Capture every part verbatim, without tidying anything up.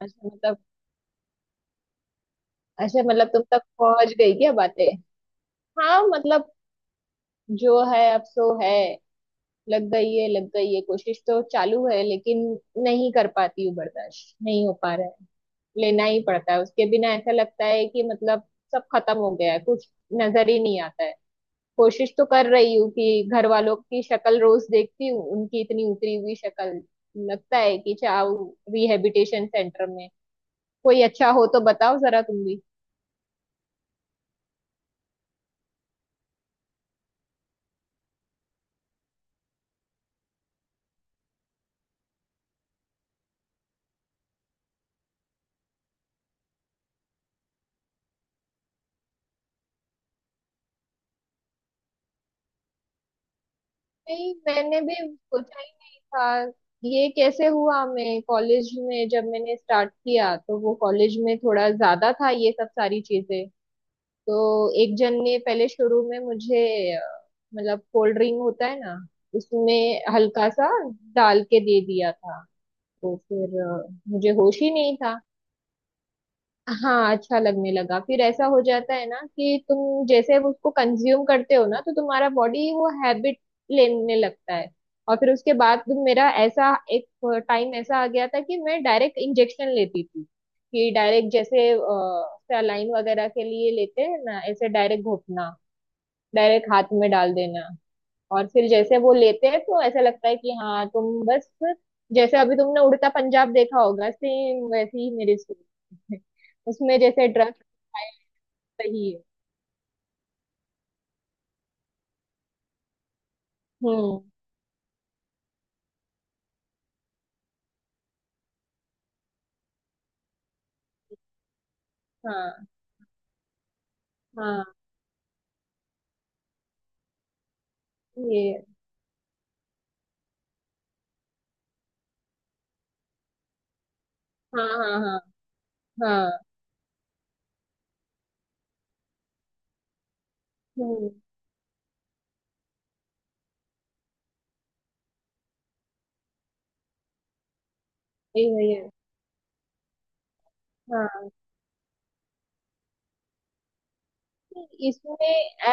अच्छा मतलब अच्छा मतलब तुम तक पहुंच गई क्या बातें। हाँ मतलब जो है अब सो है। लग गई है, लग गई है, कोशिश तो चालू है लेकिन नहीं कर पाती हूँ। बर्दाश्त नहीं हो पा रहा है, लेना ही पड़ता है। उसके बिना ऐसा लगता है कि मतलब सब खत्म हो गया है, कुछ नजर ही नहीं आता है। कोशिश तो कर रही हूँ कि घर वालों की शक्ल रोज देखती हूँ, उनकी इतनी उतरी हुई शक्ल लगता है कि जाओ रिहेबिटेशन सेंटर में। कोई अच्छा हो तो बताओ जरा तुम भी। नहीं, मैंने भी सोचा ही नहीं था, ये कैसे हुआ। मैं कॉलेज में जब मैंने स्टार्ट किया तो वो कॉलेज में थोड़ा ज्यादा था ये सब सारी चीजें। तो एक जन ने पहले शुरू में मुझे अ, मतलब कोल्ड ड्रिंक होता है ना, उसमें हल्का सा डाल के दे दिया था। तो फिर अ, मुझे होश ही नहीं था। हाँ, अच्छा लगने लगा, फिर ऐसा हो जाता है ना कि तुम जैसे उसको कंज्यूम करते हो ना, तो तुम्हारा बॉडी वो हैबिट लेने लगता है। और फिर उसके बाद तुम मेरा ऐसा एक टाइम ऐसा आ गया था कि मैं डायरेक्ट इंजेक्शन लेती थी, कि डायरेक्ट जैसे सलाइन वगैरह के लिए लेते हैं ना, ऐसे डायरेक्ट घोटना, डायरेक्ट हाथ में डाल देना। और फिर जैसे वो लेते हैं तो ऐसा लगता है कि हाँ तुम बस, जैसे अभी तुमने उड़ता पंजाब देखा होगा सेम वैसे ही मेरी स्टोरी है। उसमें जैसे ड्रग्स सही है। हम्म। हाँ, हाँ, ये, हाँ, हाँ, हाँ, हाँ, हम्म, ये है, ये है। हाँ, इसमें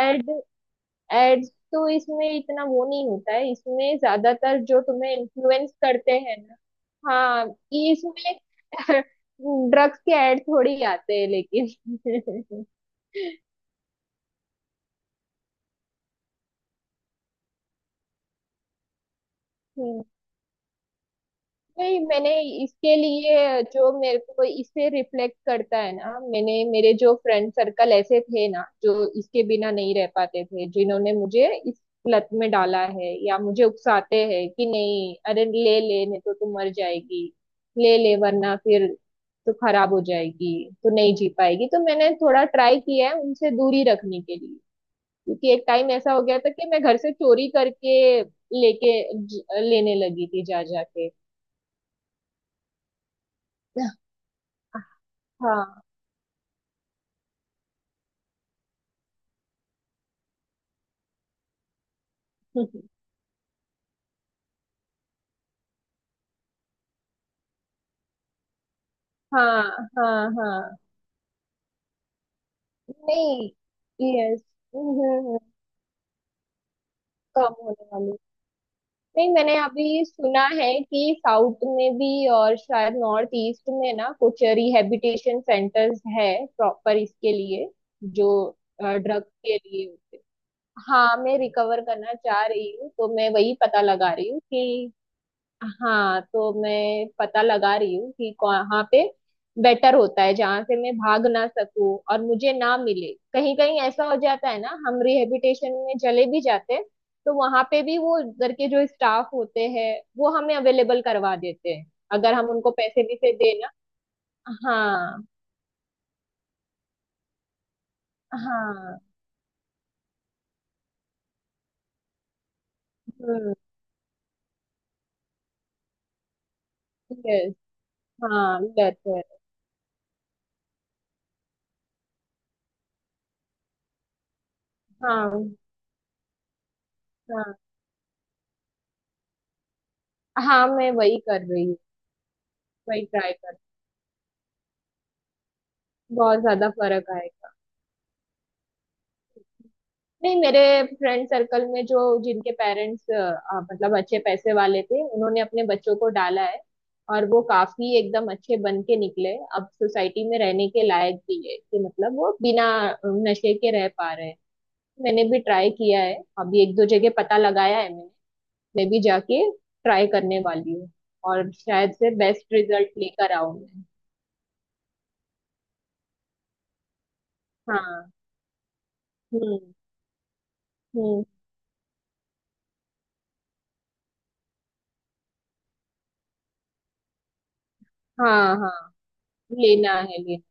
एड एड्स तो इसमें इतना वो नहीं होता है, इसमें ज्यादातर जो तुम्हें इन्फ्लुएंस करते हैं ना, हाँ ये इसमें। ड्रग्स के एड थोड़ी आते हैं लेकिन। नहीं, मैंने इसके लिए जो मेरे को इसे रिफ्लेक्ट करता है ना, मैंने मेरे जो फ्रेंड सर्कल ऐसे थे ना जो इसके बिना नहीं रह पाते थे, जिन्होंने मुझे इस लत में डाला है या मुझे उकसाते हैं कि नहीं अरे ले ले, नहीं तो तू मर जाएगी, ले ले वरना फिर तो खराब हो जाएगी, तो नहीं जी पाएगी। तो मैंने थोड़ा ट्राई किया है उनसे दूरी रखने के लिए, क्योंकि एक टाइम ऐसा हो गया था कि मैं घर से चोरी करके लेके ज- लेने लगी थी, जा जा के। हाँ। हाँ, हाँ, हाँ, नहीं, यस, कम होने वाली। नहीं, मैंने अभी सुना है कि साउथ में भी और शायद नॉर्थ ईस्ट में ना कुछ रिहैबिलिटेशन सेंटर्स है प्रॉपर इसके लिए, जो ड्रग्स के लिए होते हैं। हाँ, मैं रिकवर करना चाह रही हूँ, तो मैं वही पता लगा रही हूँ कि हाँ तो मैं पता लगा रही हूँ कि कहाँ पे बेटर होता है जहाँ से मैं भाग ना सकूं और मुझे ना मिले, कहीं कहीं ऐसा हो जाता है ना हम रिहेबिटेशन में चले भी जाते हैं तो वहां पे भी वो उधर के जो स्टाफ होते हैं वो हमें अवेलेबल करवा देते हैं अगर हम उनको पैसे भी से देना। हाँ, हाँ, हम्म, यस, हाँ बेहतर, हाँ, हाँ, हाँ, मैं वही कर रही हूँ, वही ट्राई कर। बहुत ज्यादा फर्क आएगा। नहीं, मेरे फ्रेंड सर्कल में जो जिनके पेरेंट्स मतलब अच्छे पैसे वाले थे उन्होंने अपने बच्चों को डाला है, और वो काफी एकदम अच्छे बन के निकले, अब सोसाइटी में रहने के लायक भी है कि मतलब वो बिना नशे के रह पा रहे हैं। मैंने भी ट्राई किया है, अभी एक दो जगह पता लगाया है मैंने, मैं भी जाके ट्राई करने वाली हूँ और शायद से बेस्ट रिजल्ट लेकर आऊं मैं। हाँ, हम्म, हम्म, हाँ, हाँ, लेना है लेना,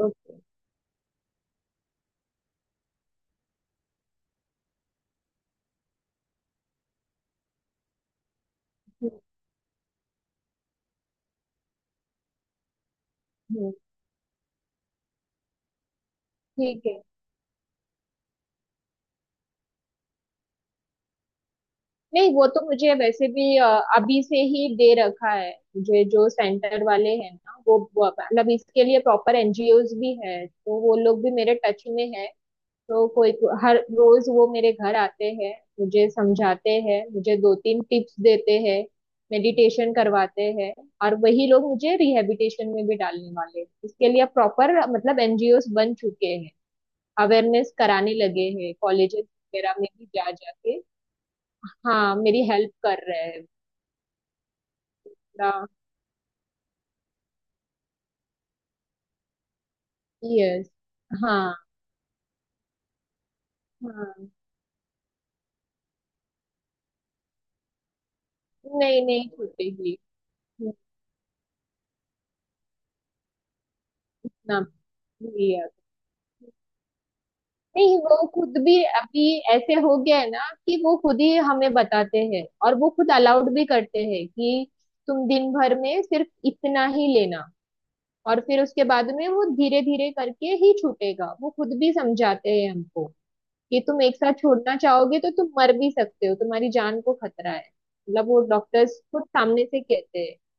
ओके, हम्म, हम्म, ठीक है। नहीं वो तो मुझे वैसे भी अ, अभी से ही दे रखा है। मुझे जो सेंटर वाले हैं ना, वो वो- मतलब इसके लिए प्रॉपर एनजीओज भी है, तो वो लोग भी मेरे टच में है, तो कोई हर रोज वो मेरे घर आते हैं, मुझे समझाते हैं, मुझे दो तीन टिप्स देते हैं, मेडिटेशन करवाते हैं, और वही लोग मुझे रिहैबिलिटेशन में भी डालने वाले हैं। इसके लिए प्रॉपर मतलब एनजीओज बन चुके हैं, अवेयरनेस कराने लगे हैं कॉलेजेस वगैरह में भी जा जाके। हाँ मेरी हेल्प कर रहे हैं। ना, यस, हाँ, हाँ, नहीं, नहीं छूटेगी, ना, यस। नहीं वो खुद भी अभी ऐसे हो गया है ना कि वो खुद ही हमें बताते हैं और वो खुद अलाउड भी करते हैं कि तुम दिन भर में सिर्फ इतना ही लेना, और फिर उसके बाद में वो धीरे धीरे करके ही छूटेगा, वो खुद भी समझाते हैं हमको कि तुम एक साथ छोड़ना चाहोगे तो तुम मर भी सकते हो, तुम्हारी जान को खतरा है, मतलब वो डॉक्टर्स खुद सामने से कहते हैं।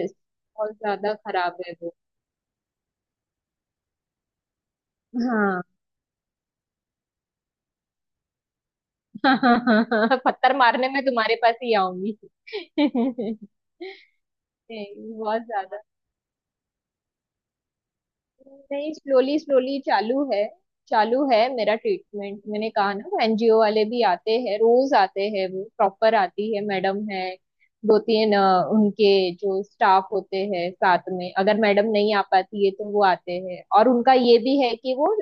यस, बहुत ज्यादा खराब है वो। हाँ। पत्थर मारने में तुम्हारे पास ही आऊंगी। नहीं, बहुत ज्यादा नहीं, स्लोली स्लोली चालू है, चालू है मेरा ट्रीटमेंट। मैंने कहा ना वो एनजीओ वाले भी आते हैं, रोज आते हैं वो, प्रॉपर आती है मैडम है। दो तीन अ, उनके जो स्टाफ होते हैं साथ में, अगर मैडम नहीं आ पाती है तो वो आते हैं, और उनका ये भी है कि वो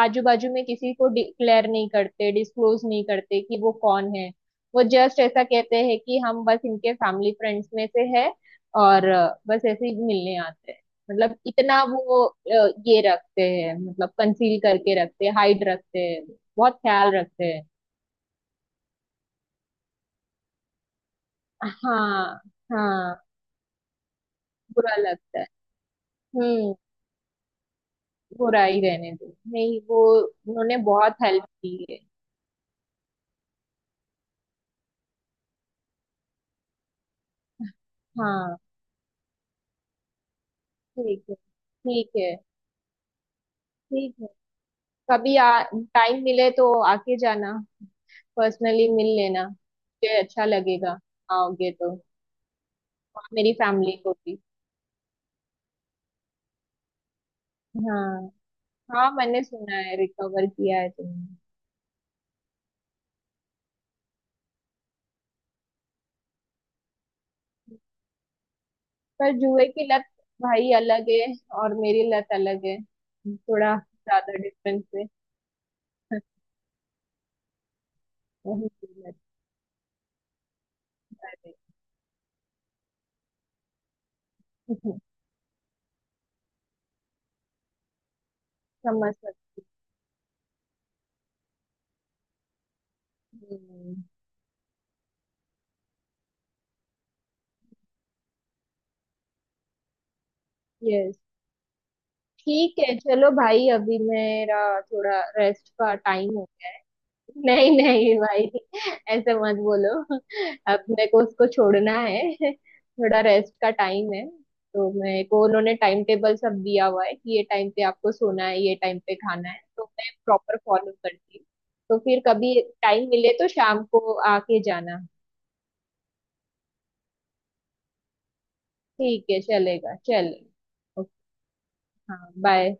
आजू बाजू में किसी को डिक्लेयर नहीं करते, डिस्क्लोज नहीं करते कि वो कौन है। वो जस्ट ऐसा कहते हैं कि हम बस इनके फैमिली फ्रेंड्स में से है, और अ, बस ऐसे ही मिलने आते हैं। मतलब इतना वो अ, ये रखते हैं, मतलब कंसील करके रखते हैं, हाइड रखते हैं, बहुत ख्याल रखते हैं। हाँ, हाँ, बुरा लगता है। हम्म, बुरा ही रहने दो। नहीं वो उन्होंने बहुत हेल्प की है। हाँ, ठीक है, ठीक है, ठीक है। कभी आ टाइम मिले तो आके जाना, पर्सनली मिल लेना, मुझे अच्छा लगेगा। आओगे तो और मेरी फैमिली को भी। हाँ, हाँ, मैंने सुना है रिकवर किया है तुमने। पर जुए की लत भाई अलग है और मेरी लत अलग है, थोड़ा ज्यादा डिफरेंस है। वही की लत, अरे। समझ सकती, यस। ठीक है चलो भाई, अभी मेरा थोड़ा रेस्ट का टाइम हो। नहीं नहीं भाई, ऐसे मत बोलो, अब मेरे को उसको छोड़ना है। थोड़ा रेस्ट का टाइम है, तो मेरे को उन्होंने टाइम टेबल सब दिया हुआ है कि ये टाइम पे आपको सोना है, ये टाइम पे खाना है, तो मैं प्रॉपर फॉलो करती हूँ। तो फिर कभी टाइम मिले तो शाम को आके जाना। ठीक है चलेगा, चलो ओके, हाँ बाय।